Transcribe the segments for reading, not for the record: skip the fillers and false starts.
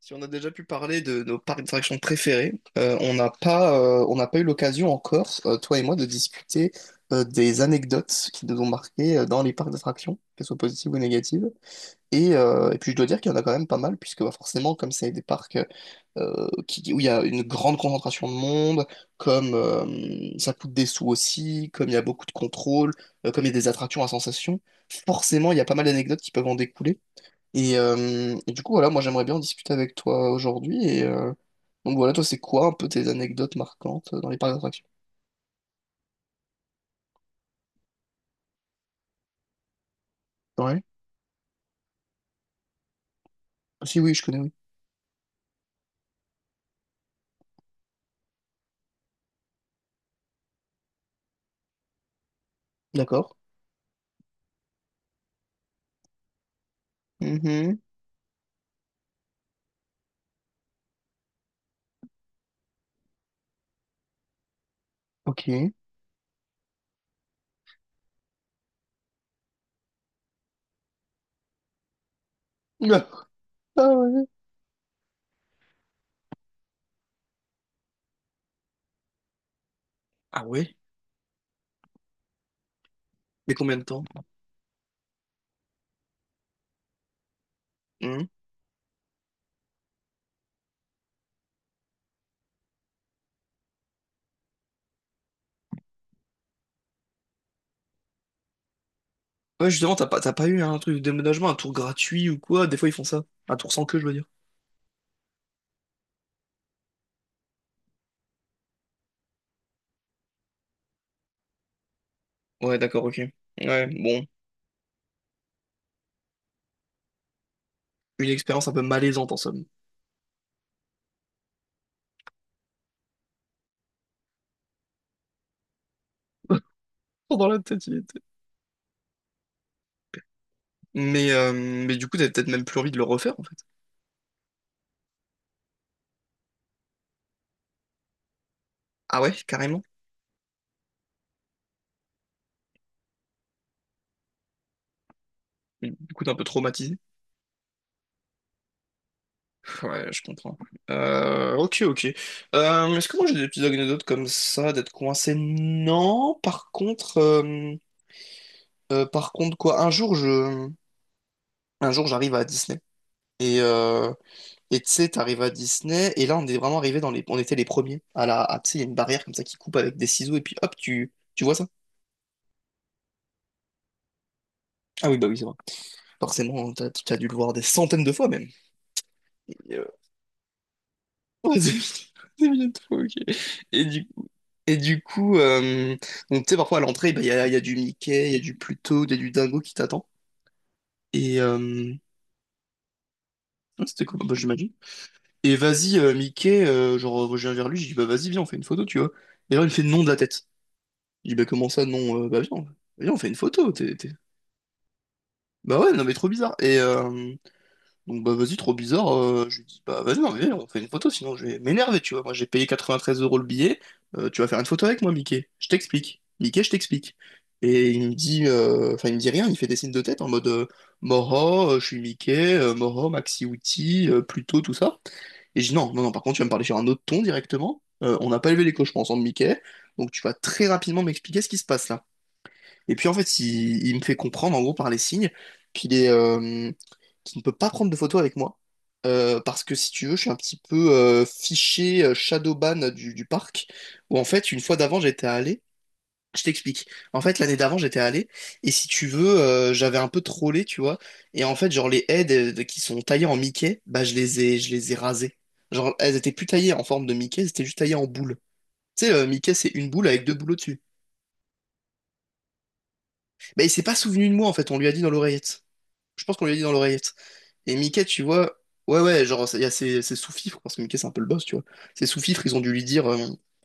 Si on a déjà pu parler de nos parcs d'attractions préférés, on n'a pas eu l'occasion encore, toi et moi, de discuter des anecdotes qui nous ont marquées dans les parcs d'attractions, qu'elles soient positives ou négatives. Et puis je dois dire qu'il y en a quand même pas mal, puisque bah, forcément, comme c'est des parcs qui, où il y a une grande concentration de monde, comme ça coûte des sous aussi, comme il y a beaucoup de contrôle, comme il y a des attractions à sensations, forcément, il y a pas mal d'anecdotes qui peuvent en découler. Et du coup, voilà, moi j'aimerais bien en discuter avec toi aujourd'hui. Donc voilà, toi, c'est quoi un peu tes anecdotes marquantes dans les parcs d'attractions? Ouais. Ah, si oui, je connais, oui. D'accord. Mhm. Ok. Ah, ah ouais. Ah ouais? Mais combien de temps? Mhm. Ouais, justement, t'as pas eu un truc de déménagement, un tour gratuit ou quoi? Des fois, ils font ça. Un tour sans queue, je veux dire. Ouais, d'accord, ok. Ouais, bon. Une expérience un peu malaisante en somme. Dans la tête, il était. Mais du coup, t'avais peut-être même plus envie de le refaire en fait. Ah ouais, carrément. Du coup, t'es un peu traumatisé. Ouais, je comprends. Ok, ok. Est-ce que moi j'ai des petites anecdotes comme ça, d'être coincé? Non, par contre quoi, un jour j'arrive à Disney et euh, et tu sais, t'arrives à Disney et là on est vraiment arrivé dans les, on était les premiers à la, à, tu sais, il y a une barrière comme ça qui coupe avec des ciseaux et puis hop, tu vois ça? Ah oui, bah oui, c'est vrai. Forcément, t'as dû le voir des centaines de fois même. C'est bien trop, ok. Et du coup, et du coup euh, donc, tu sais, parfois à l'entrée, bah, il y a du Mickey, il y a du Pluto, il y a du Dingo qui t'attend. Et euh, ouais, c'était cool, bah, j'imagine. Et vas-y, Mickey, genre, moi, je viens vers lui, je dis, bah vas-y, viens, on fait une photo, tu vois. Et là, il me fait non de la tête. Je dis, bah comment ça, non? Bah viens, viens, on fait une photo. Bah ouais, non, mais trop bizarre. Donc bah vas-y, trop bizarre. Je lui dis, bah vas-y, non, mais viens, on fait une photo, sinon je vais m'énerver, tu vois. Moi j'ai payé 93 € le billet, tu vas faire une photo avec moi, Mickey. Je t'explique. Mickey, je t'explique. Et il me dit, enfin il me dit rien, il fait des signes de tête en mode Moro, je suis Mickey, Moro, Maxi Outi, Pluto, tout ça. Et je dis non, non, non, par contre tu vas me parler sur un autre ton directement. On n'a pas élevé les cochons ensemble, Mickey, donc tu vas très rapidement m'expliquer ce qui se passe là. Et puis en fait, il me fait comprendre en gros par les signes qu'il est, qui ne peut pas prendre de photos avec moi. Parce que si tu veux, je suis un petit peu fiché shadowban du parc, où en fait, une fois d'avant, j'étais allé. Je t'explique. En fait, l'année d'avant, j'étais allé, et si tu veux, j'avais un peu trollé, tu vois. Et en fait, genre, les haies qui sont taillées en Mickey, bah, je les ai rasées. Genre, elles étaient plus taillées en forme de Mickey, elles étaient juste taillées en boule. Tu sais, Mickey, c'est une boule avec deux boules au-dessus. Bah, il s'est pas souvenu de moi, en fait, on lui a dit dans l'oreillette. Je pense qu'on lui a dit dans l'oreillette. Et Mickey, tu vois, ouais, ouais, genre, il y a ces sous-fifres, parce que Mickey, c'est un peu le boss, tu vois. Ces sous-fifres, ils ont dû lui dire,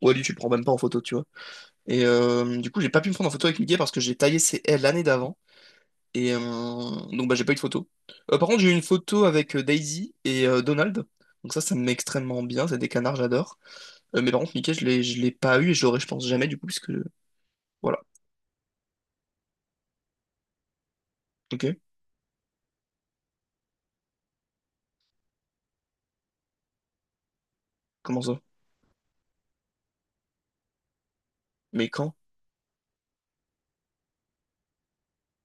ouais, lui, tu le prends même pas en photo, tu vois. Du coup, j'ai pas pu me prendre en photo avec Mickey parce que j'ai taillé ses ailes l'année d'avant. Donc, bah, j'ai pas eu de photo. Par contre, j'ai eu une photo avec Daisy et Donald. Donc, ça me met extrêmement bien. C'est des canards, j'adore. Mais par contre, Mickey, je l'ai pas eu et je l'aurai, je pense, jamais, du coup, puisque. Voilà. Ok. Comment ça? Mais quand?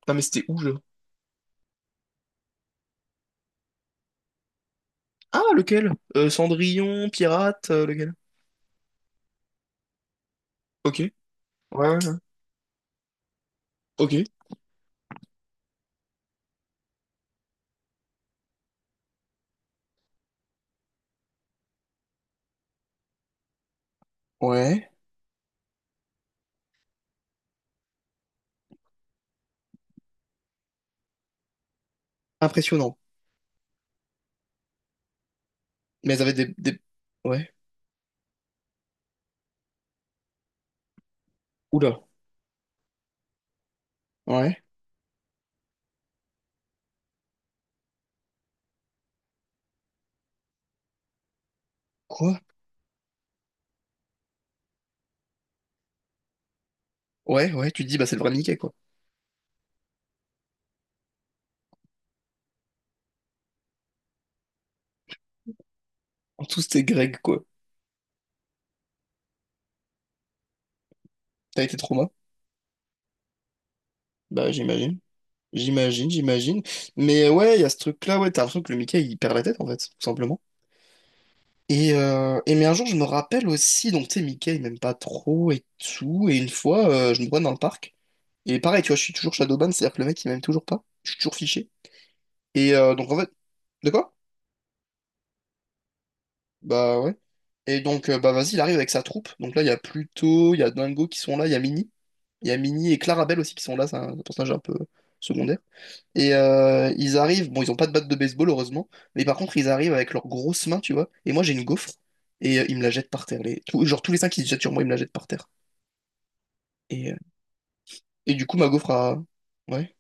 Non, mais c'était où, je. Ah, lequel? Cendrillon, Pirate, lequel? Ok. Ouais, ouais, ouais. Ok. Ouais. Impressionnant. Mais elles avaient des... Ouais. Oula. Ouais. Quoi? Ouais, ouais, tu te dis, bah c'est le vrai Mickey, quoi. En tout, c'était Greg, quoi. T'as été trauma? Bah j'imagine. J'imagine, j'imagine. Mais ouais, il y a ce truc-là, ouais, t'as l'impression que le Mickey, il perd la tête, en fait, tout simplement. Et mais un jour, je me rappelle aussi, donc tu sais, Mickey, il m'aime pas trop et tout. Et une fois, je me vois dans le parc. Et pareil, tu vois, je suis toujours Shadowban, c'est-à-dire que le mec, il m'aime toujours pas. Je suis toujours fiché. Donc en fait... De quoi? Bah ouais. Bah vas-y, il arrive avec sa troupe. Donc là, il y a Pluto, il y a Dingo qui sont là, il y a Minnie. Il y a Minnie et Clarabelle aussi qui sont là, c'est un personnage un peu secondaire. Ils arrivent, bon, ils ont pas de batte de baseball, heureusement, mais par contre, ils arrivent avec leurs grosses mains, tu vois. Et moi, j'ai une gaufre, ils me la jettent par terre. Les... tout- genre, tous les cinq qui se jettent sur moi, ils me la jettent par terre. Et, euh, et du coup, ma gaufre a. Ouais.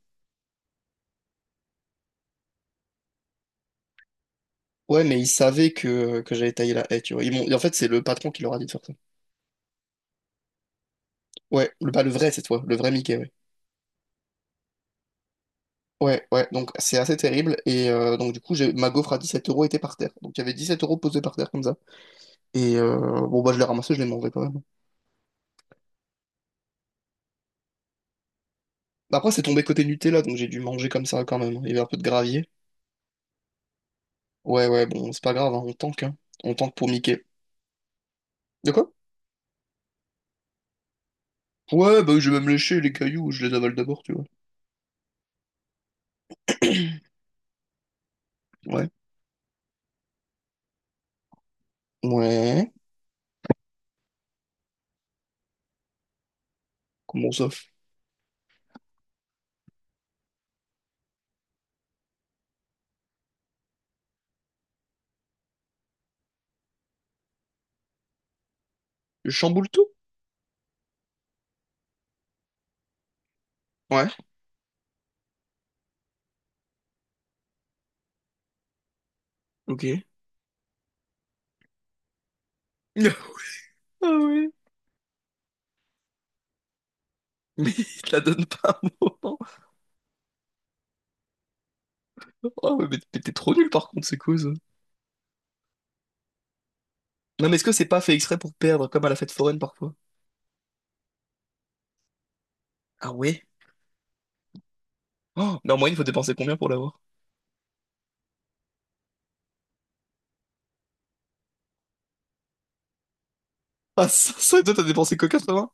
Ouais, mais ils savaient que j'avais taillé la haie, tu vois. Ils m'ont- et en fait, c'est le patron qui leur a dit de faire ça. Ouais, le, pas le vrai cette fois, le vrai Mickey, ouais. Ouais, ouais, donc c'est assez terrible. Donc, du coup, j'ai ma gaufre à 17 € était par terre. Donc, il y avait 17 € posés par terre comme ça. Et euh, bon, bah, je l'ai ramassé, je l'ai mangé quand même. Bah, après, c'est tombé côté Nutella, donc j'ai dû manger comme ça quand même. Il y avait un peu de gravier. Ouais, ouais, bon, c'est pas grave, hein. On tank pour Mickey. De quoi? Ouais, bah, je vais même lécher les cailloux, je les avale d'abord, tu vois. Ouais. Ouais. Comment ça? Je chamboule tout? Ouais. Ok. Ah oui. Mais il te la donne pas un moment. Oh, mais t'es trop nul par contre, c'est quoi ça? Non, mais est-ce que c'est pas fait exprès pour perdre, comme à la fête foraine parfois? Ah ouais? Oh, mais en moyenne, il faut dépenser combien pour l'avoir? Ah, ça, et toi, t'as dépensé que 80?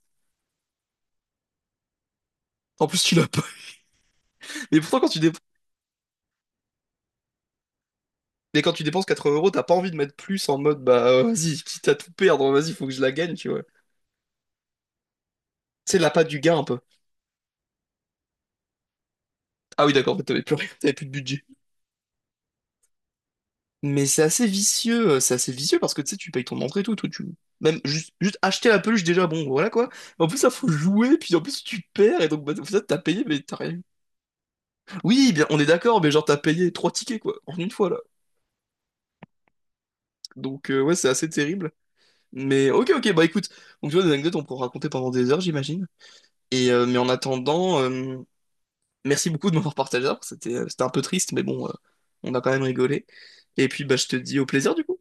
En plus, tu l'as pas. Mais pourtant, mais quand tu dépenses 80 euros, t'as pas envie de mettre plus en mode, bah, vas-y, quitte à tout perdre, vas-y, faut que je la gagne, tu vois. C'est la patte du gain, un peu. Ah oui, d'accord, en fait, t'avais plus rien, t'avais plus de budget. Mais c'est assez vicieux parce que, tu sais, tu payes ton entrée et tout, tout, tu... Même juste acheter la peluche, déjà, bon, voilà, quoi. En plus, ça, faut jouer, puis en plus, tu perds, et donc, bah, en fait, t'as payé, mais t'as rien Oui, bien, on est d'accord, mais genre t'as payé 3 tickets quoi, en une fois là. Ouais, c'est assez terrible. Mais ok, ok, bah écoute, donc tu vois, des anecdotes on peut en raconter pendant des heures, j'imagine. Mais en attendant, merci beaucoup de m'avoir partagé, ça, c'était c'était un peu triste, mais bon, on a quand même rigolé. Et puis bah je te dis au plaisir du coup.